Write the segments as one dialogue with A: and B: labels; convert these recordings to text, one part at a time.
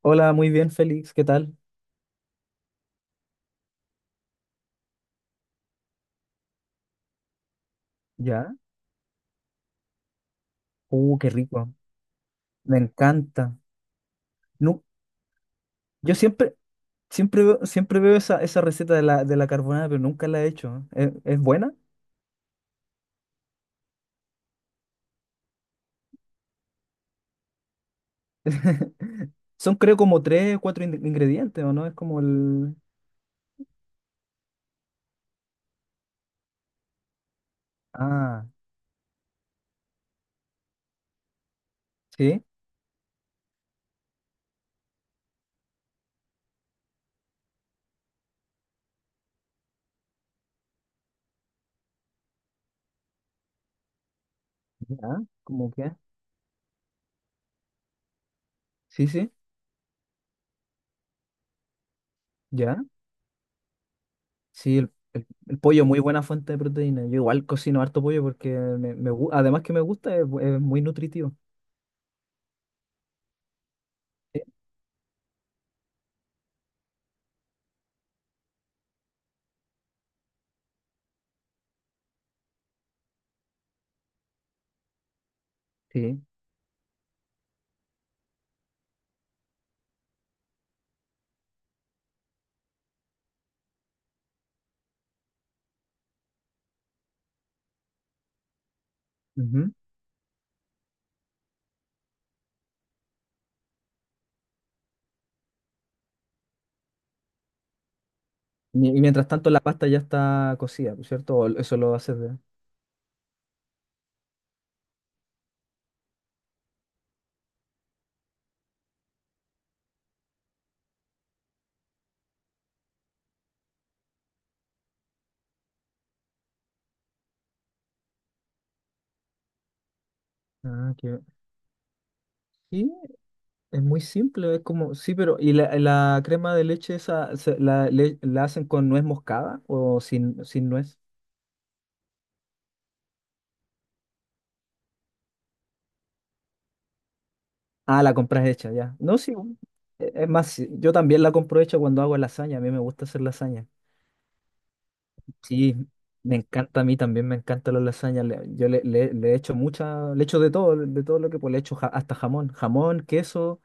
A: Hola, muy bien, Félix, ¿qué tal? ¿Ya? Qué rico, me encanta. Nu- yo siempre veo esa, esa receta de la carbonara, pero nunca la he hecho. ¿Es buena? Son creo como tres o cuatro ingredientes, ¿o no? Es como el... Ah, sí, ya, ¿cómo qué? Sí, sí, ya. Sí, el pollo, muy buena fuente de proteína. Yo igual cocino harto pollo porque además que me gusta, es, es muy nutritivo. Sí, sí. Ujú. Y mientras tanto la pasta ya está cocida, ¿no es cierto? O eso lo haces de... Ah, qué... Sí, es muy simple, es como... Sí, pero... ¿Y la crema de leche esa la hacen con nuez moscada o sin nuez? Ah, la compras hecha, ya. No, sí. Es más, sí, yo también la compro hecha cuando hago lasaña, a mí me gusta hacer lasaña. Sí, me encanta, a mí también me encanta la lasaña. Yo le echo mucha... Le echo de todo lo que... Pues le echo hasta jamón, jamón, queso.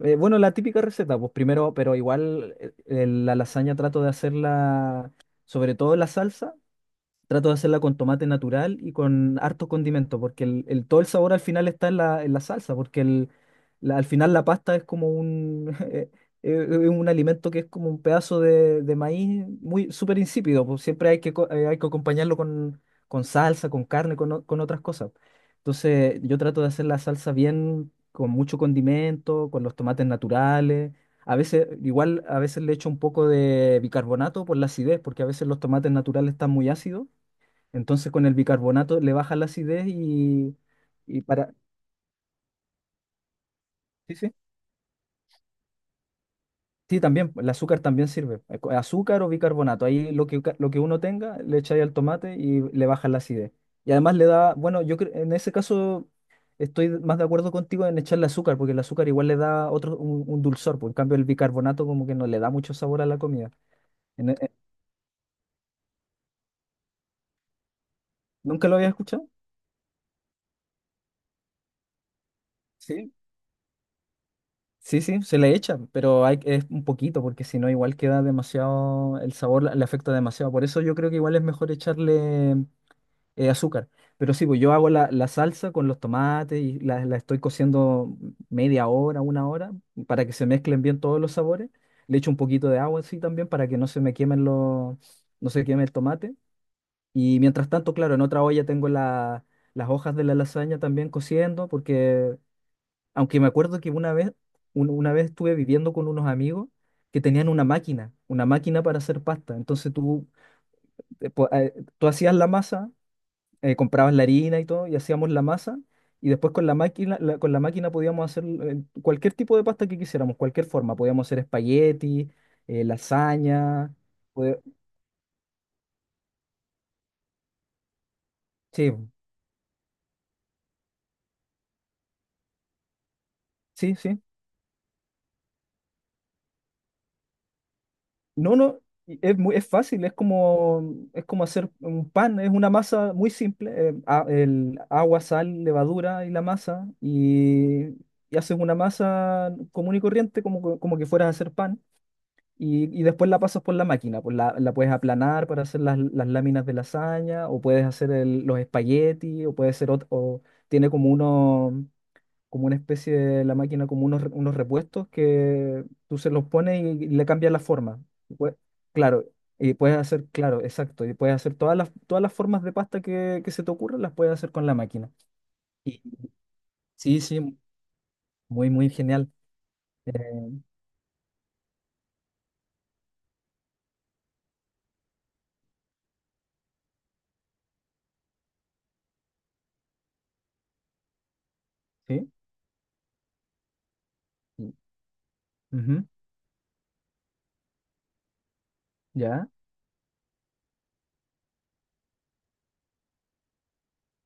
A: Bueno, la típica receta, pues primero, pero igual la lasaña trato de hacerla, sobre todo la salsa. Trato de hacerla con tomate natural y con hartos condimentos, porque todo el sabor al final está en la salsa, porque al final la pasta es como un, un alimento que es como un pedazo de maíz muy súper insípido. Pues siempre hay que, hay que acompañarlo con salsa, con carne, con, con otras cosas. Entonces yo trato de hacer la salsa bien, con mucho condimento, con los tomates naturales. A veces, igual, a veces le echo un poco de bicarbonato por la acidez, porque a veces los tomates naturales están muy ácidos, entonces con el bicarbonato le baja la acidez y para... Sí, sí. Sí, también, el azúcar también sirve. Azúcar o bicarbonato. Ahí lo que, lo que uno tenga, le echáis al tomate y le baja la acidez. Y además le da, bueno, yo cre- en ese caso estoy más de acuerdo contigo en echarle azúcar, porque el azúcar igual le da otro, un dulzor, por en cambio el bicarbonato como que no le da mucho sabor a la comida. En- eh, ¿Nunca lo había escuchado? Sí. Sí, sí, se le echa, pero hay, es un poquito, porque si no, igual queda demasiado, el sabor le afecta demasiado. Por eso yo creo que igual es mejor echarle azúcar. Pero sí, pues yo hago la salsa con los tomates y la estoy cociendo media hora, una hora, para que se mezclen bien todos los sabores. Le echo un poquito de agua así también para que no se me quemen los, no se queme el tomate. Y mientras tanto, claro, en otra olla tengo las hojas de la lasaña también cociendo. Porque aunque me acuerdo que una vez, una vez estuve viviendo con unos amigos que tenían una máquina para hacer pasta. Entonces tú, eh, po- eh, tú hacías la masa, comprabas la harina y todo, y hacíamos la masa, y después con la máquina, con la máquina podíamos hacer cualquier tipo de pasta que quisiéramos, cualquier forma. Podíamos hacer espagueti, lasaña. pode- Sí, sí, sí. No, no, y es muy, es fácil, es como hacer un pan, es una masa muy simple, el agua, sal, levadura y la masa, y haces una masa común y corriente como, como que fueras a hacer pan, y después la pasas por la máquina, pues la puedes aplanar para hacer las láminas de lasaña, o puedes hacer los espaguetis, o puede ser o tiene como uno como una especie de la máquina, como unos, unos repuestos que tú se los pones y le cambias la forma. Y pue- claro, y puedes hacer, claro, exacto, y puedes hacer todas todas las formas de pasta que se te ocurran, las puedes hacer con la máquina. Y sí, sí, muy, muy genial. Eh, sí, y- ujú, ya.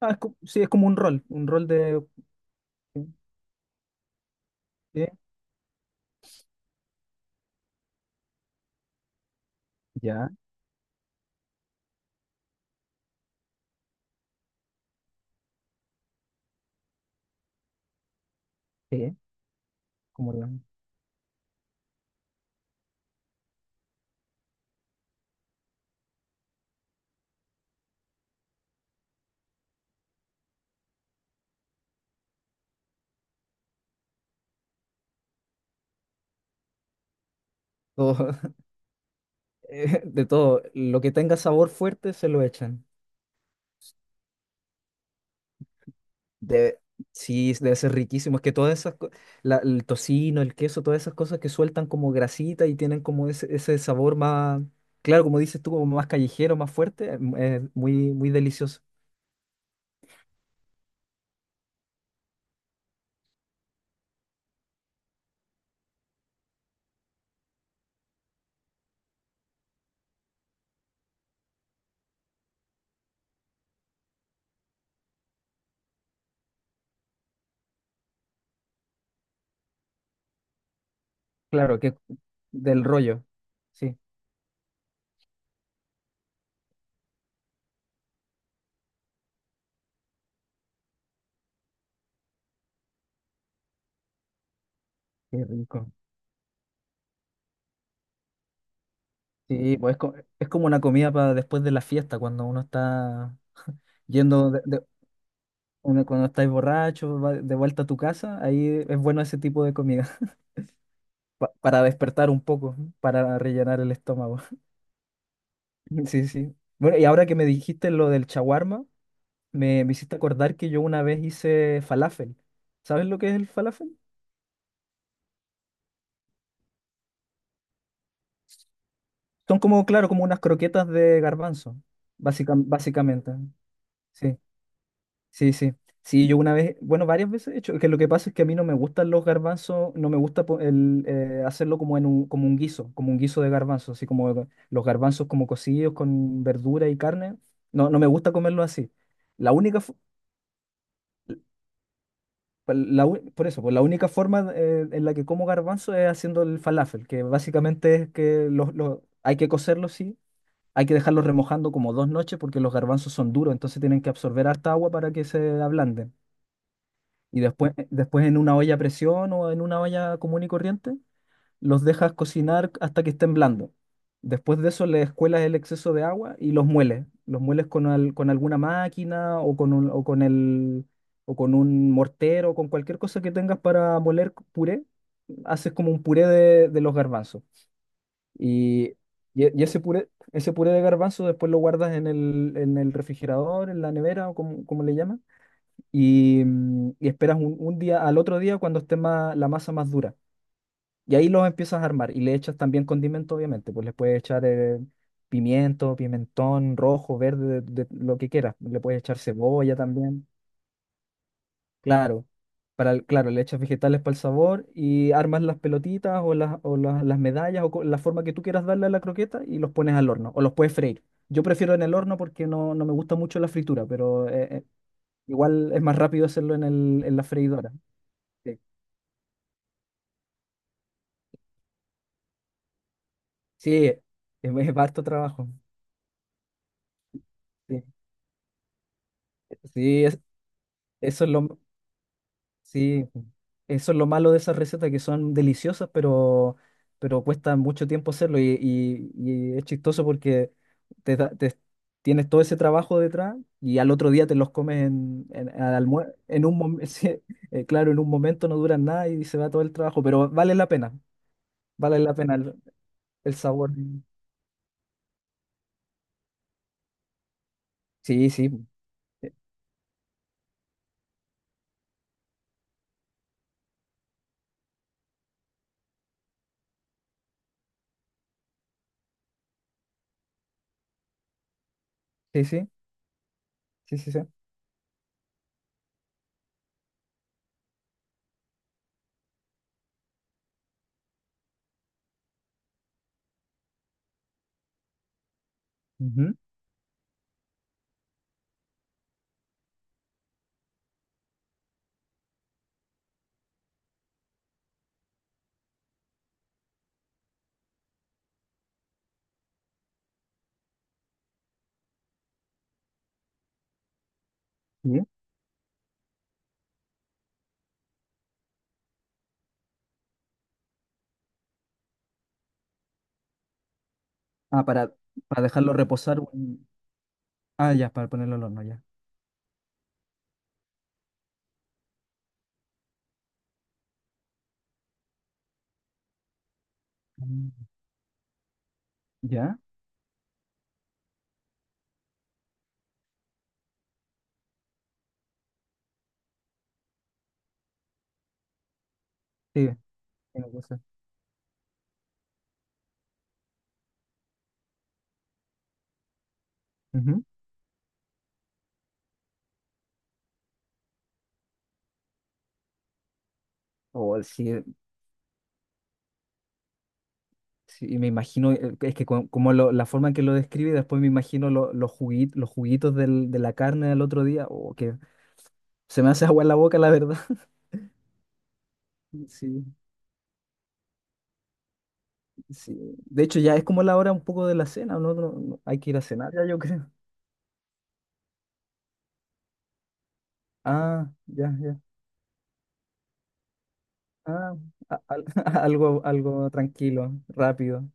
A: Ah, sí, es como un rol de... sí, sí, ya, sí, como todo, de todo, lo que tenga sabor fuerte se lo echan. De Sí, debe ser riquísimo. Es que todas esas, el tocino, el queso, todas esas cosas que sueltan como grasita y tienen como ese sabor más, claro, como dices tú, como más callejero, más fuerte. Mm, es muy, muy delicioso. Claro, que del rollo. Sí, qué rico. Sí, pues es, es como una comida para después de la fiesta, cuando uno está yendo, cuando estáis borracho, va de vuelta a tu casa, ahí es bueno ese tipo de comida, para despertar un poco, para rellenar el estómago. Sí, sí. Bueno, y ahora que me dijiste lo del chaguarma, me hiciste acordar que yo una vez hice falafel. ¿Sabes lo que es el falafel? Son como, claro, como unas croquetas de garbanzo, básicamente. Sí, sí, sí. Sí, yo una vez, bueno, varias veces he hecho, que lo que pasa es que a mí no me gustan los garbanzos, no me gusta hacerlo como en un, como un guiso de garbanzos, así como los garbanzos como cocidos con verdura y carne. No, no me gusta comerlo así. La única, fo- pa- la u- por eso, pues la única forma en la que como garbanzo es haciendo el falafel, que básicamente es que hay que cocerlos, sí, hay que dejarlos remojando como dos noches porque los garbanzos son duros, entonces tienen que absorber harta agua para que se ablanden. Y después, después en una olla a presión o en una olla común y corriente, los dejas cocinar hasta que estén blandos. Después de eso le escuelas el exceso de agua y los mueles. Los mueles con, con alguna máquina o con un, o con el, o con un mortero, con cualquier cosa que tengas para moler puré. Haces como un puré de los garbanzos. Y, y ese puré de garbanzo después lo guardas en el refrigerador, en la nevera o como, como le llaman. Y, mm, y esperas un día, al otro día cuando esté más, la masa más dura. Y ahí los empiezas a armar y le echas también condimento, obviamente, pues le puedes echar pimiento, pimentón rojo, verde, de lo que quieras. Le puedes echar cebolla también, claro. Para claro, le echas vegetales para el sabor y armas las pelotitas o las medallas o la forma que tú quieras darle a la croqueta y los pones al horno o los puedes freír. Yo prefiero en el horno porque no, no me gusta mucho la fritura, pero igual es más rápido hacerlo en la freidora. Sí, sí, es harto trabajo. Sí, sí, eso es lo... Sí, eso es lo malo de esas recetas que son deliciosas, pero cuesta mucho tiempo hacerlo y es chistoso porque te, da- te- tienes todo ese trabajo detrás y al otro día te los comes en, al almuer- en un mom- sí, claro, en un momento no duran nada y se va todo el trabajo, pero vale la pena el sabor. Sí, sí, sí, sí, sí, sí, sí. Ujú, sí. Ah, para dejarlo reposar. Ah, ya, para ponerlo al horno, ya. Mm. ¿Ya? Sí, tiene que ser. Ujú. Oh, sí, sí, me imagino, como la forma en que lo describe, después me imagino los los juguitos de la carne del otro día, o que se me hace agua en la boca, la verdad. Sí, sí. De hecho, ya es como la hora un poco de la cena, ¿no? No, hay que ir a cenar ya, yo creo. Ah, ya, ya. Ah, a- al- algo, algo tranquilo, rápido.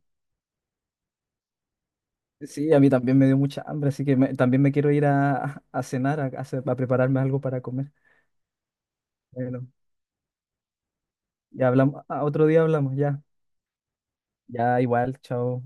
A: Sí, a mí también me dio mucha hambre, así que también me quiero ir a cenar, a, a prepararme algo para comer. Bueno, ya hablamos, otro día hablamos, ya. Ya, igual, chao.